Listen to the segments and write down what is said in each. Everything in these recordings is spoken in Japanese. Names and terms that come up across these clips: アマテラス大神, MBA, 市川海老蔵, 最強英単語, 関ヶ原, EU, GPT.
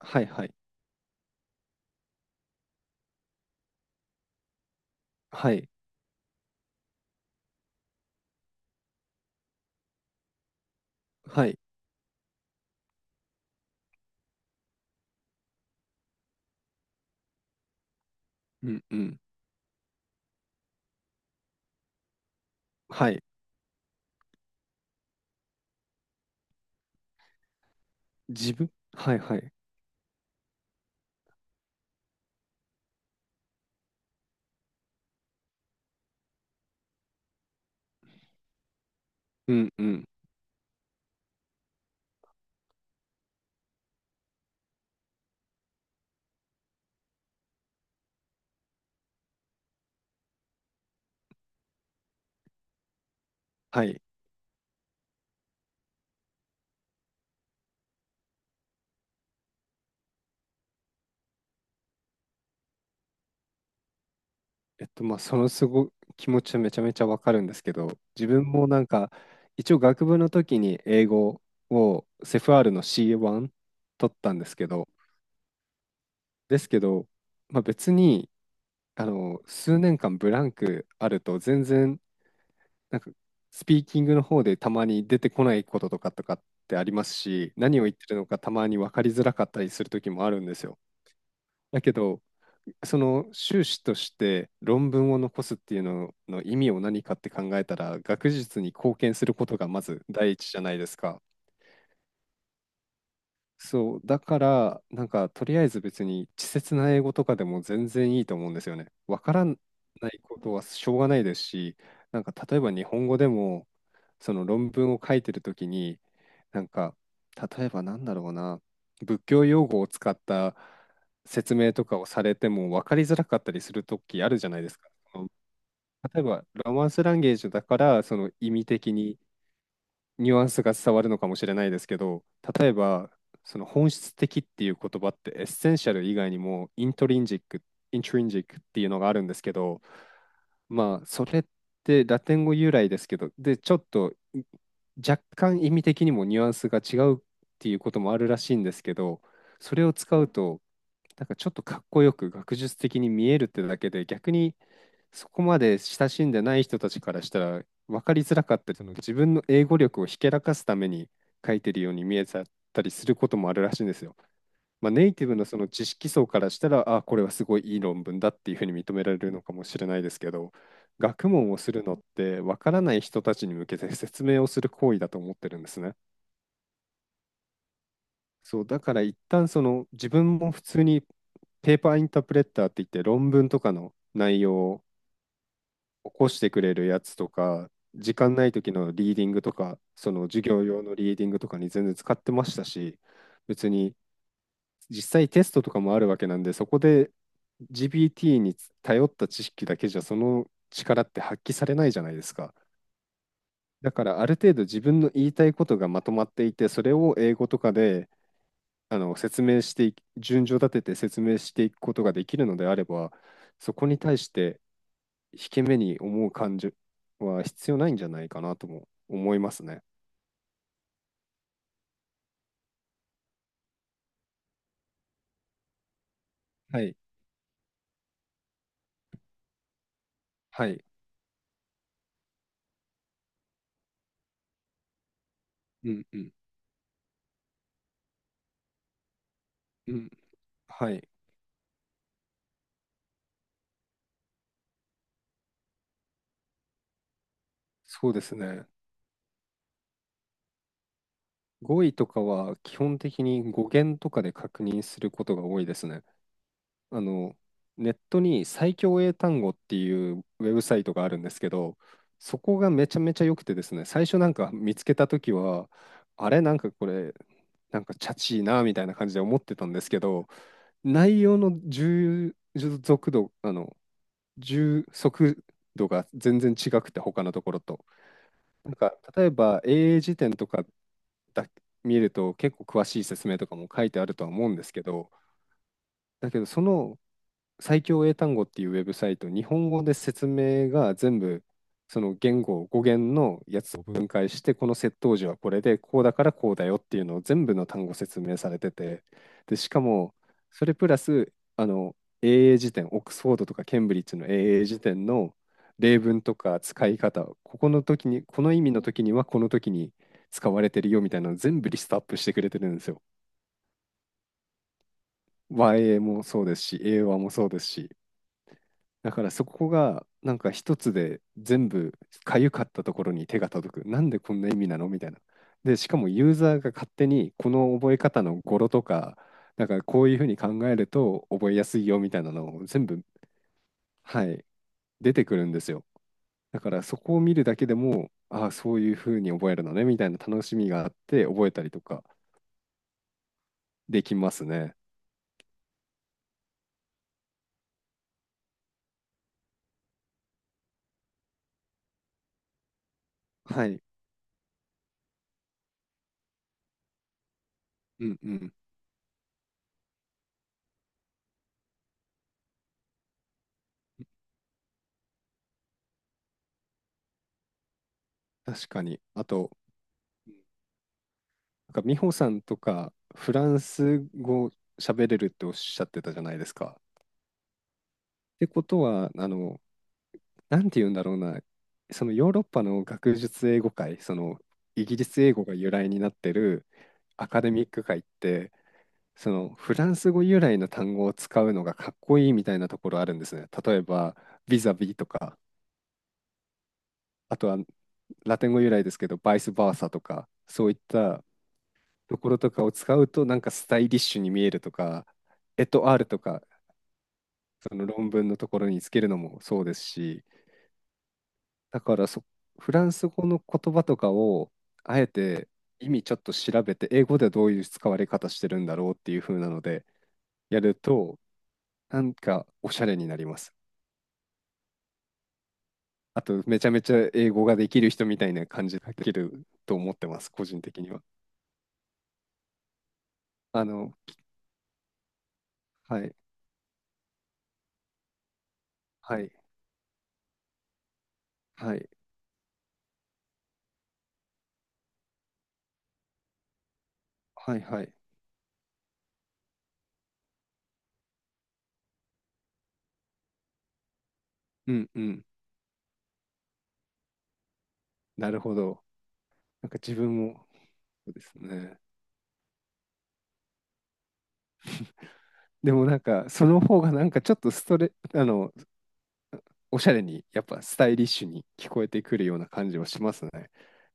はいはい。はい。はい。うんうん。はい。自分はいはい。うんうん。はい。まあ、その気持ちはめちゃめちゃわかるんですけど、自分もなんか、一応学部の時に英語をセフ r の C1 取ったんですけど、まあ、別に、数年間ブランクあると、全然、なんか、スピーキングの方でたまに出てこないこととかってありますし、何を言ってるのかたまに分かりづらかったりする時もあるんですよ。だけど、その修士として論文を残すっていうのの意味を何かって考えたら、学術に貢献することがまず第一じゃないですか。そう、だから、なんか、とりあえず別に、稚拙な英語とかでも全然いいと思うんですよね。わからないことはしょうがないですし、なんか、例えば日本語でも、その論文を書いてるときに、なんか、例えばなんだろうな、仏教用語を使った説明とかをされても分かりづらかったりするときあるじゃないですか。その例えば、ロマンスランゲージだから、その意味的に、ニュアンスが伝わるのかもしれないですけど、例えば、その本質的っていう言葉ってエッセンシャル以外にもイントリンジックっていうのがあるんですけど、まあ、それってラテン語由来ですけど、で、ちょっと若干意味的にもニュアンスが違うっていうこともあるらしいんですけど、それを使うと、なんかちょっとかっこよく学術的に見えるってだけで、逆にそこまで親しんでない人たちからしたら分かりづらかったり、その自分の英語力をひけらかすために書いてるように見えちゃったりすることもあるらしいんですよ。まあ、ネイティブのその知識層からしたら、あ、これはすごいいい論文だっていうふうに認められるのかもしれないですけど、学問をするのってわからない人たちに向けて説明をする行為だと思ってるんですね。そう、だから一旦その自分も普通にペーパーインタープレッターって言って論文とかの内容を起こしてくれるやつとか、時間ない時のリーディングとか、その授業用のリーディングとかに全然使ってましたし、別に実際テストとかもあるわけなんで、そこで GPT に頼った知識だけじゃその力って発揮されないじゃないですか。だからある程度自分の言いたいことがまとまっていて、それを英語とかであの説明してい順序立てて説明していくことができるのであれば、そこに対して引け目に思う感情は必要ないんじゃないかなとも思いますね。はい。はい。うんうんうん。はい。そうですね。語彙とかは基本的に語源とかで確認することが多いですね。あの、ネットに最強英単語っていうウェブサイトがあるんですけど、そこがめちゃめちゃ良くてですね、最初なんか見つけた時は、あれなんかこれ、なんかチャチいなみたいな感じで思ってたんですけど、内容の足度、あの、充足度が全然違くて、他のところと。なんか例えば英英辞典とかだ見ると結構詳しい説明とかも書いてあるとは思うんですけど、だけどその最強英単語っていうウェブサイト、日本語で説明が全部、その言語、語源のやつを分解して、この接頭辞はこれで、こうだからこうだよっていうのを全部の単語説明されてて、で、しかも、それプラス、英英辞典、オックスフォードとかケンブリッジの英英辞典の例文とか使い方、ここの時に、この意味の時にはこの時に使われてるよみたいなのを全部リストアップしてくれてるんですよ。和英もそうですし、英和もそうですし。だからそこがなんか一つで全部かゆかったところに手が届く。なんでこんな意味なのみたいな。で、しかもユーザーが勝手にこの覚え方の語呂とか、なんかこういうふうに考えると覚えやすいよみたいなのを全部、はい、出てくるんですよ。だからそこを見るだけでも、ああ、そういうふうに覚えるのねみたいな楽しみがあって覚えたりとかできますね。はい。うんうん。確かに。あと、なんか美穂さんとかフランス語喋れるっておっしゃってたじゃないですか。ってことは、なんて言うんだろうな、そのヨーロッパの学術英語界、そのイギリス英語が由来になってるアカデミック界って、そのフランス語由来の単語を使うのがかっこいいみたいなところあるんですね。例えば、ビザビとか、あとはラテン語由来ですけど、バイスバーサとか、そういったところとかを使うと、なんかスタイリッシュに見えるとか、エトアールとかその論文のところにつけるのもそうですし、だから、フランス語の言葉とかを、あえて意味ちょっと調べて、英語ではどういう使われ方してるんだろうっていう風なので、やると、なんかおしゃれになります。あと、めちゃめちゃ英語ができる人みたいな感じができると思ってます、個人的には。あの、はい、はい、はい、はい、はい。うんうん。なるほど。なんか自分も、そうですね。でもなんか、その方がなんかちょっとストレ、あの、おしゃれに、やっぱスタイリッシュに聞こえてくるような感じはしますね。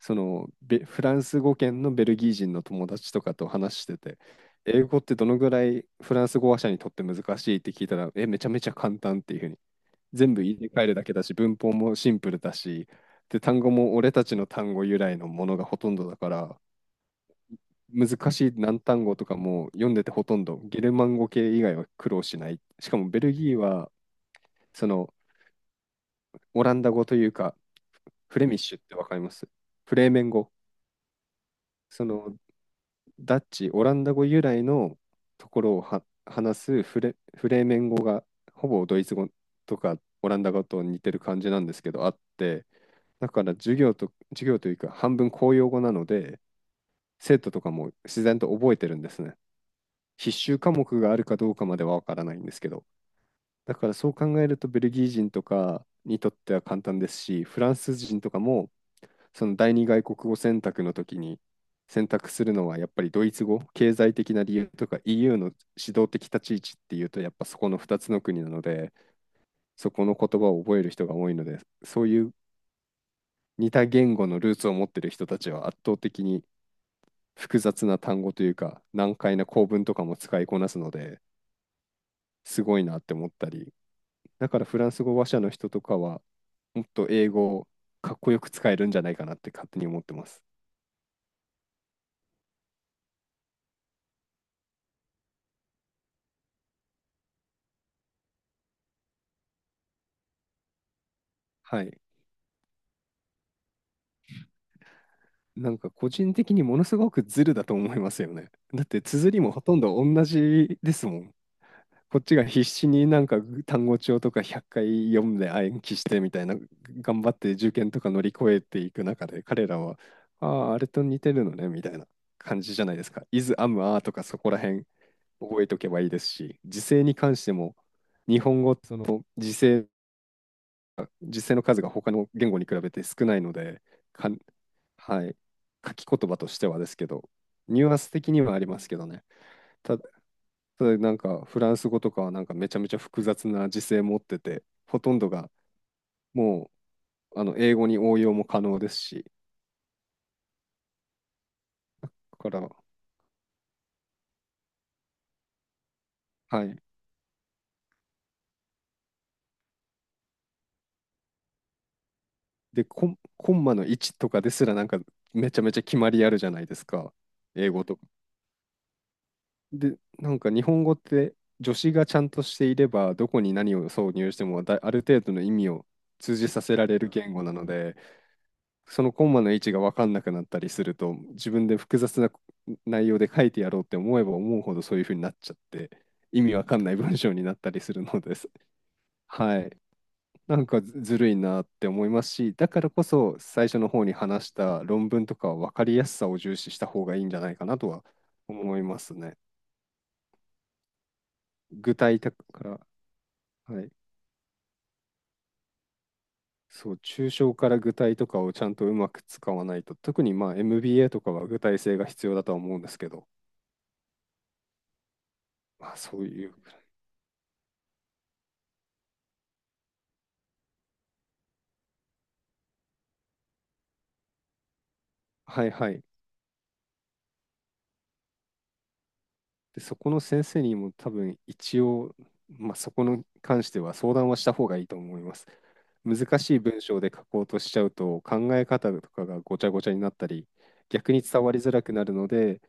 その、フランス語圏のベルギー人の友達とかと話してて、英語ってどのぐらいフランス語話者にとって難しいって聞いたら、え、めちゃめちゃ簡単っていうふうに。全部入れ替えるだけだし、文法もシンプルだし、で、単語も俺たちの単語由来のものがほとんどだから、難しい難単語とかも読んでてほとんどゲルマン語系以外は苦労しない。しかもベルギーはそのオランダ語というかフレミッシュってわかりますフレーメン語。そのダッチ、オランダ語由来のところをは話すフレーメン語がほぼドイツ語とかオランダ語と似てる感じなんですけど、あって、だから授業というか半分公用語なので、生徒とかも自然と覚えてるんですね。必修科目があるかどうかまではわからないんですけど、だからそう考えるとベルギー人とかにとっては簡単ですし、フランス人とかもその第二外国語選択の時に選択するのはやっぱりドイツ語、経済的な理由とか EU の指導的立ち位置っていうと、やっぱそこの2つの国なので、そこの言葉を覚える人が多いので、そういう似た言語のルーツを持ってる人たちは圧倒的に複雑な単語というか難解な構文とかも使いこなすので、すごいなって思ったり、だからフランス語話者の人とかはもっと英語をかっこよく使えるんじゃないかなって勝手に思ってます。はい。なんか個人的にものすごくズルだと思いますよね。だって綴りもほとんど同じですもん。こっちが必死になんか単語帳とか100回読んで暗記してみたいな、頑張って受験とか乗り越えていく中で彼らは、ああ、あれと似てるのねみたいな感じじゃないですか。is am are とかそこら辺覚えとけばいいですし、時制に関しても日本語時制実際の数が他の言語に比べて少ないので、かん、はい、書き言葉としてはですけど、ニュアンス的にはありますけどね。た、ただなんかフランス語とかはなんかめちゃめちゃ複雑な時制持ってて、ほとんどがもう英語に応用も可能ですし、だから、はい。で、コンマの位置とかですらなんかめちゃめちゃ決まりあるじゃないですか。英語と。で、なんか日本語って助詞がちゃんとしていれば、どこに何を挿入してもだ、ある程度の意味を通じさせられる言語なので、そのコンマの位置が分かんなくなったりすると、自分で複雑な内容で書いてやろうって思えば思うほどそういう風になっちゃって、意味わかんない文章になったりするのです。はい。なんかずるいなって思いますし、だからこそ最初の方に話した論文とかは分かりやすさを重視した方がいいんじゃないかなとは思いますね。具体的だから。はい。そう、抽象から具体とかをちゃんとうまく使わないと、特にまあ MBA とかは具体性が必要だとは思うんですけど、まあそういう、はいはい。で、そこの先生にも多分一応、まあそこに関しては相談はした方がいいと思います。難しい文章で書こうとしちゃうと考え方とかがごちゃごちゃになったり、逆に伝わりづらくなるので、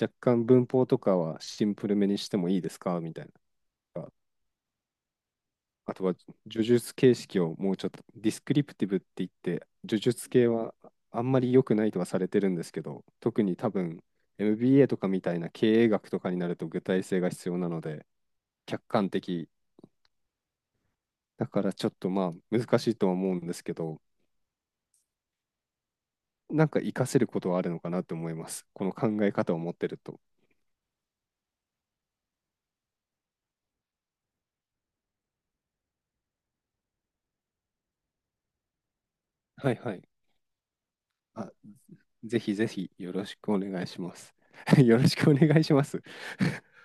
若干文法とかはシンプルめにしてもいいですかみたいな。あとは叙述形式をもうちょっと、ディスクリプティブって言って、叙述系はあんまり良くないとはされてるんですけど、特に多分 MBA とかみたいな経営学とかになると具体性が必要なので、客観的。だからちょっとまあ難しいとは思うんですけど、なんか活かせることはあるのかなと思います。この考え方を持ってると。はいはい。あ、ぜひぜひよろしくお願いします。よろしくお願いします。